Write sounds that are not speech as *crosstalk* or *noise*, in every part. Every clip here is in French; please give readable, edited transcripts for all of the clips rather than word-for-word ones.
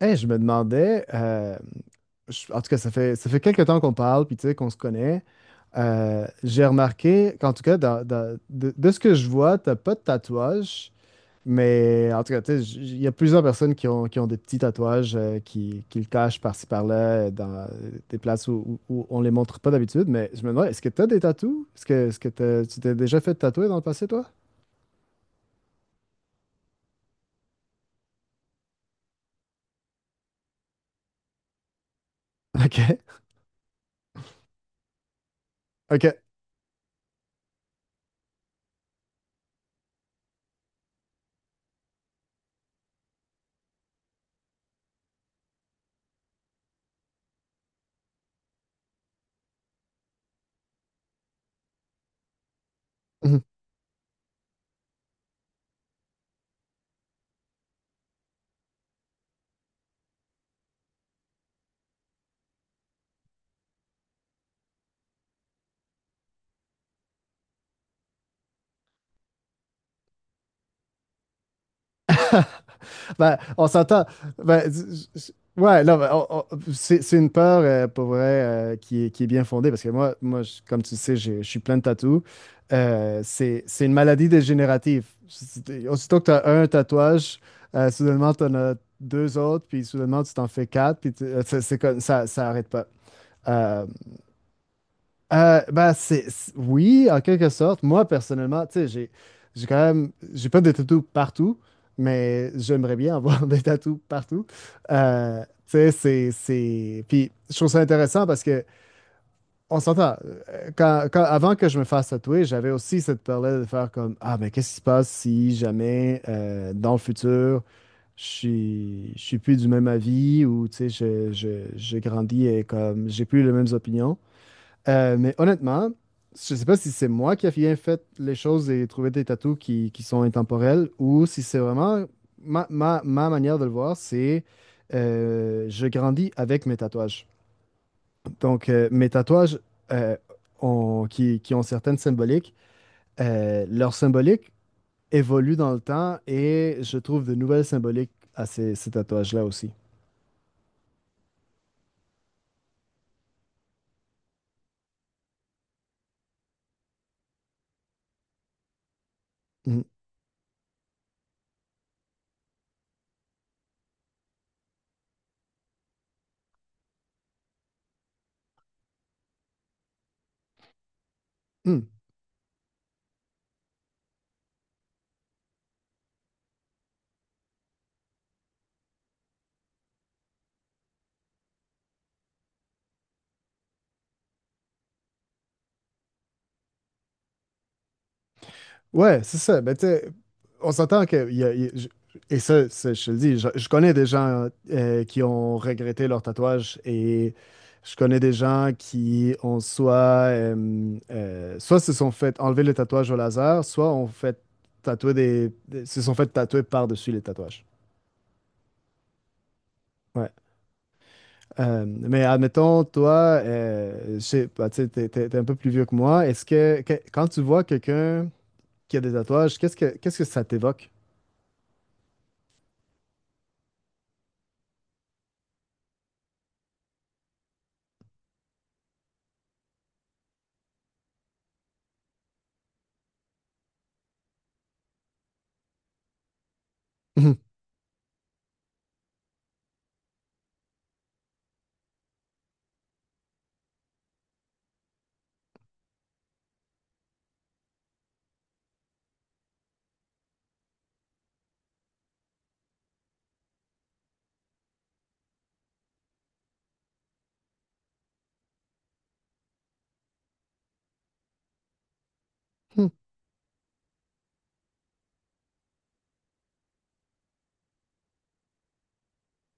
Hey, je me demandais, en tout cas, ça fait quelques temps qu'on parle, puis tu sais, qu'on se connaît. J'ai remarqué qu'en tout cas, de ce que je vois, t'as pas de tatouage, mais en tout cas, tu sais, il y a plusieurs personnes qui ont des petits tatouages, qui le cachent par-ci par-là, dans des places où on les montre pas d'habitude, mais je me demande, est-ce que t'as des tatous? Est-ce que tu t'es déjà fait tatouer dans le passé, toi? *laughs* Ok, ok. *clears throat* *laughs* Ben, on s'entend. Ben, ouais, non, ben, c'est une peur, pour vrai, qui est bien fondée parce que moi comme tu le sais, je suis plein de tatous. C'est une maladie dégénérative. C'est- Aussitôt que tu as un tatouage, soudainement, tu en as deux autres, puis soudainement, tu t'en fais quatre, puis c'est comme ça arrête pas. Euh, oui, en quelque sorte. Moi, personnellement, tu sais, j'ai quand même, j'ai pas de tatou partout, mais j'aimerais bien avoir *laughs* des tatous partout. Tu sais, c'est... Puis, je trouve ça intéressant parce que, on s'entend, avant que je me fasse tatouer, j'avais aussi cette peur-là de faire comme, ah, mais qu'est-ce qui se passe si jamais, dans le futur, je suis plus du même avis ou, tu sais, je grandis et comme, j'ai plus les mêmes opinions. Mais honnêtement, je sais pas si c'est moi qui ai bien fait les choses et trouvé des tatous qui sont intemporels ou si c'est vraiment ma manière de le voir, c'est je grandis avec mes tatouages. Donc, mes tatouages euh, qui ont certaines symboliques, leur symbolique évolue dans le temps et je trouve de nouvelles symboliques à ces tatouages-là aussi. Mhm. Ouais, c'est ça. Mais tu sais, on s'entend que. Il y a- je- et je te le dis, je connais des gens qui ont regretté leur tatouage et je connais des gens qui ont soit. Soit se sont fait enlever le tatouage au laser, soit ont fait tatouer se sont fait tatouer par-dessus les tatouages. Ouais. Mais admettons, toi, je sais pas, tu sais, t'es un peu plus vieux que moi. Quand tu vois quelqu'un qui a des tatouages, qu'est-ce que ça t'évoque? *laughs*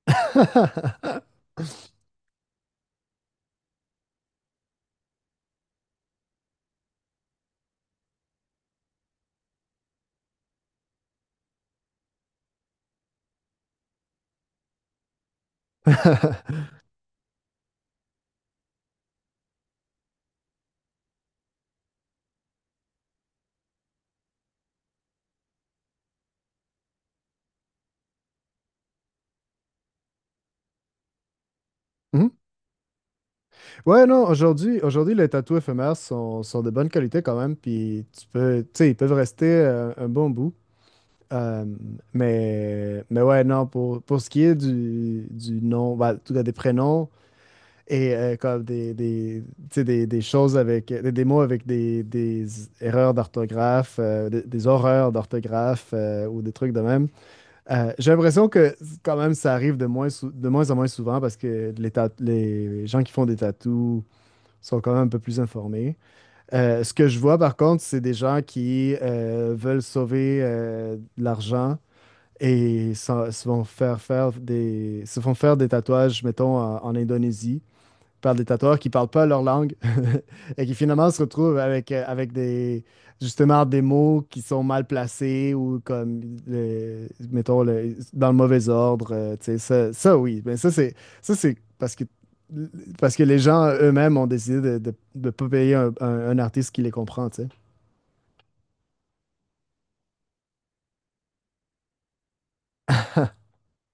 *laughs* Mhm. Ouais, non, aujourd'hui, aujourd'hui, les tatous éphémères sont de bonne qualité quand même, puis tu peux, tu sais, ils peuvent rester un bon bout. Euh, mais ouais, non, pour ce qui est du nom, bah, en tout cas des prénoms et comme tu sais, des choses avec, des mots avec des erreurs d'orthographe, des horreurs d'orthographe ou des trucs de même. J'ai l'impression que quand même ça arrive de moins, de moins en moins souvent parce que les gens qui font des tatous sont quand même un peu plus informés. Ce que je vois par contre, c'est des gens qui veulent sauver de l'argent et vont faire faire des, se font faire des tatouages, mettons, en Indonésie par des tatoueurs qui ne parlent pas leur langue *laughs* et qui finalement se retrouvent avec, avec des, justement des mots qui sont mal placés ou comme, dans le mauvais ordre. Tu sais, oui. Mais ça, c'est parce que les gens eux-mêmes ont décidé de ne de pas payer un artiste qui les comprend, tu sais.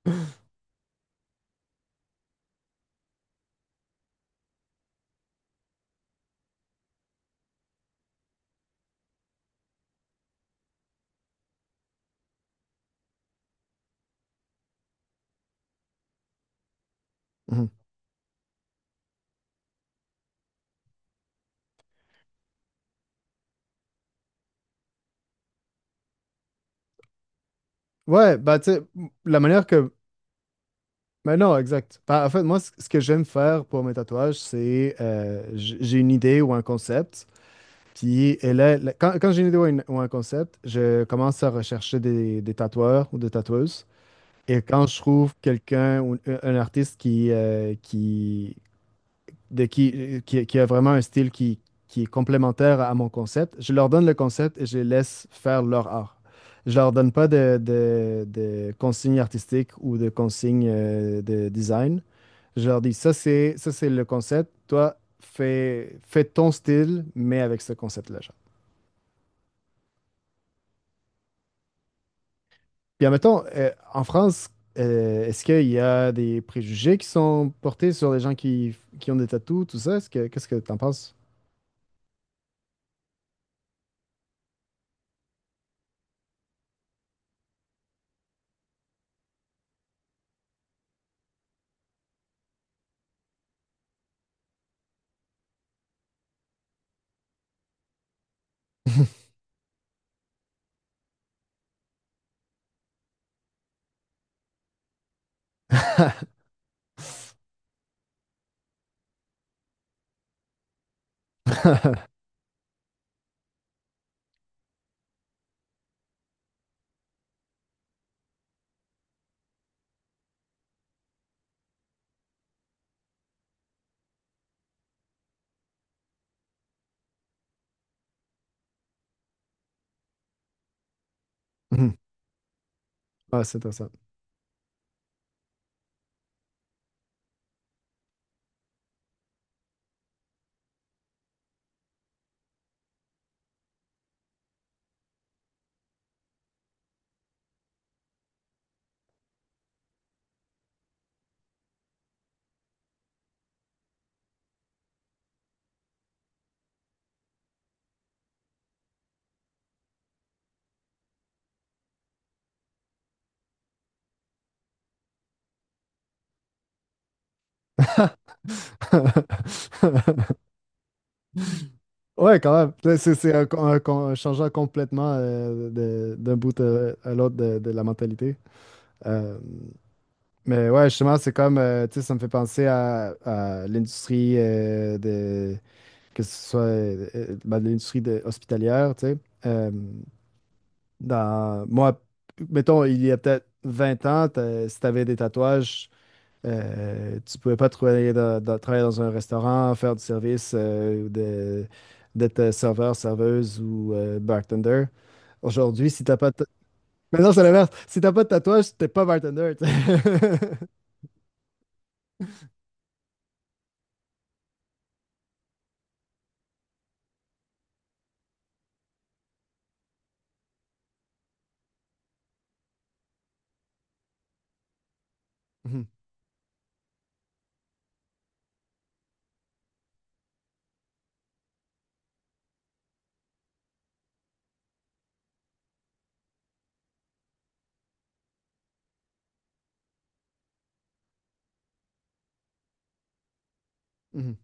*laughs* Mhm. Ouais, bah, tu sais, la manière que. Mais non, exact. Bah, en fait, moi, ce que j'aime faire pour mes tatouages, c'est j'ai une idée ou un concept. Puis et là, là, quand j'ai une idée ou, ou un concept, je commence à rechercher des tatoueurs ou des tatoueuses. Et quand je trouve quelqu'un ou un artiste qui a vraiment un style qui est complémentaire à mon concept, je leur donne le concept et je les laisse faire leur art. Je leur donne pas de consignes artistiques ou de consignes de design. Je leur dis, ça c'est le concept, toi fais ton style, mais avec ce concept-là. Puis, admettons, en France, est-ce qu'il y a des préjugés qui sont portés sur les gens qui ont des tatous, tout ça? Qu'est-ce que t'en penses? *laughs* Mhm. Ah, c'est intéressant. *laughs* Ouais, quand même. Là, c'est un changeant complètement d'un bout à l'autre de la mentalité. Euh, mais ouais, justement, c'est comme, tu sais, ça me fait penser à l'industrie de, que ce soit ben, hospitalière, tu sais. Euh, Dans, moi, mettons, il y a peut-être 20 ans, si tu avais des tatouages, tu pouvais pas travailler travailler dans un restaurant, faire du service, ou d'être serveur, serveuse ou bartender. Aujourd'hui, si t'as pas de... ta- Mais non, c'est l'inverse. Si t'as pas de tatouage, t'es pas bartender. Tu sais. *laughs* Mhm. Mhm.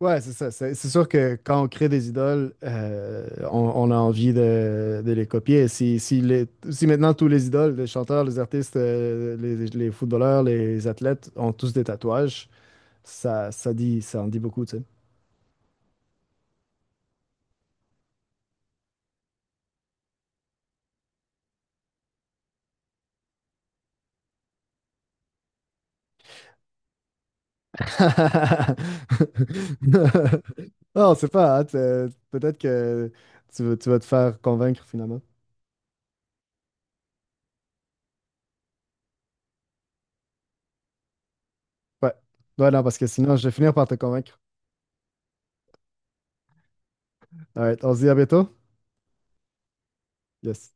Ouais, c'est ça. C'est sûr que quand on crée des idoles, on a envie de les copier. Si maintenant tous les idoles, les chanteurs, les artistes, les footballeurs, les athlètes ont tous des tatouages, ça en dit beaucoup, tu sais. *laughs* Non, c'est pas. Hein, t'es- Peut-être que tu vas te faire convaincre finalement. Ouais. Ouais, non, parce que sinon, je vais finir par te convaincre. All right, on se dit à bientôt. Yes.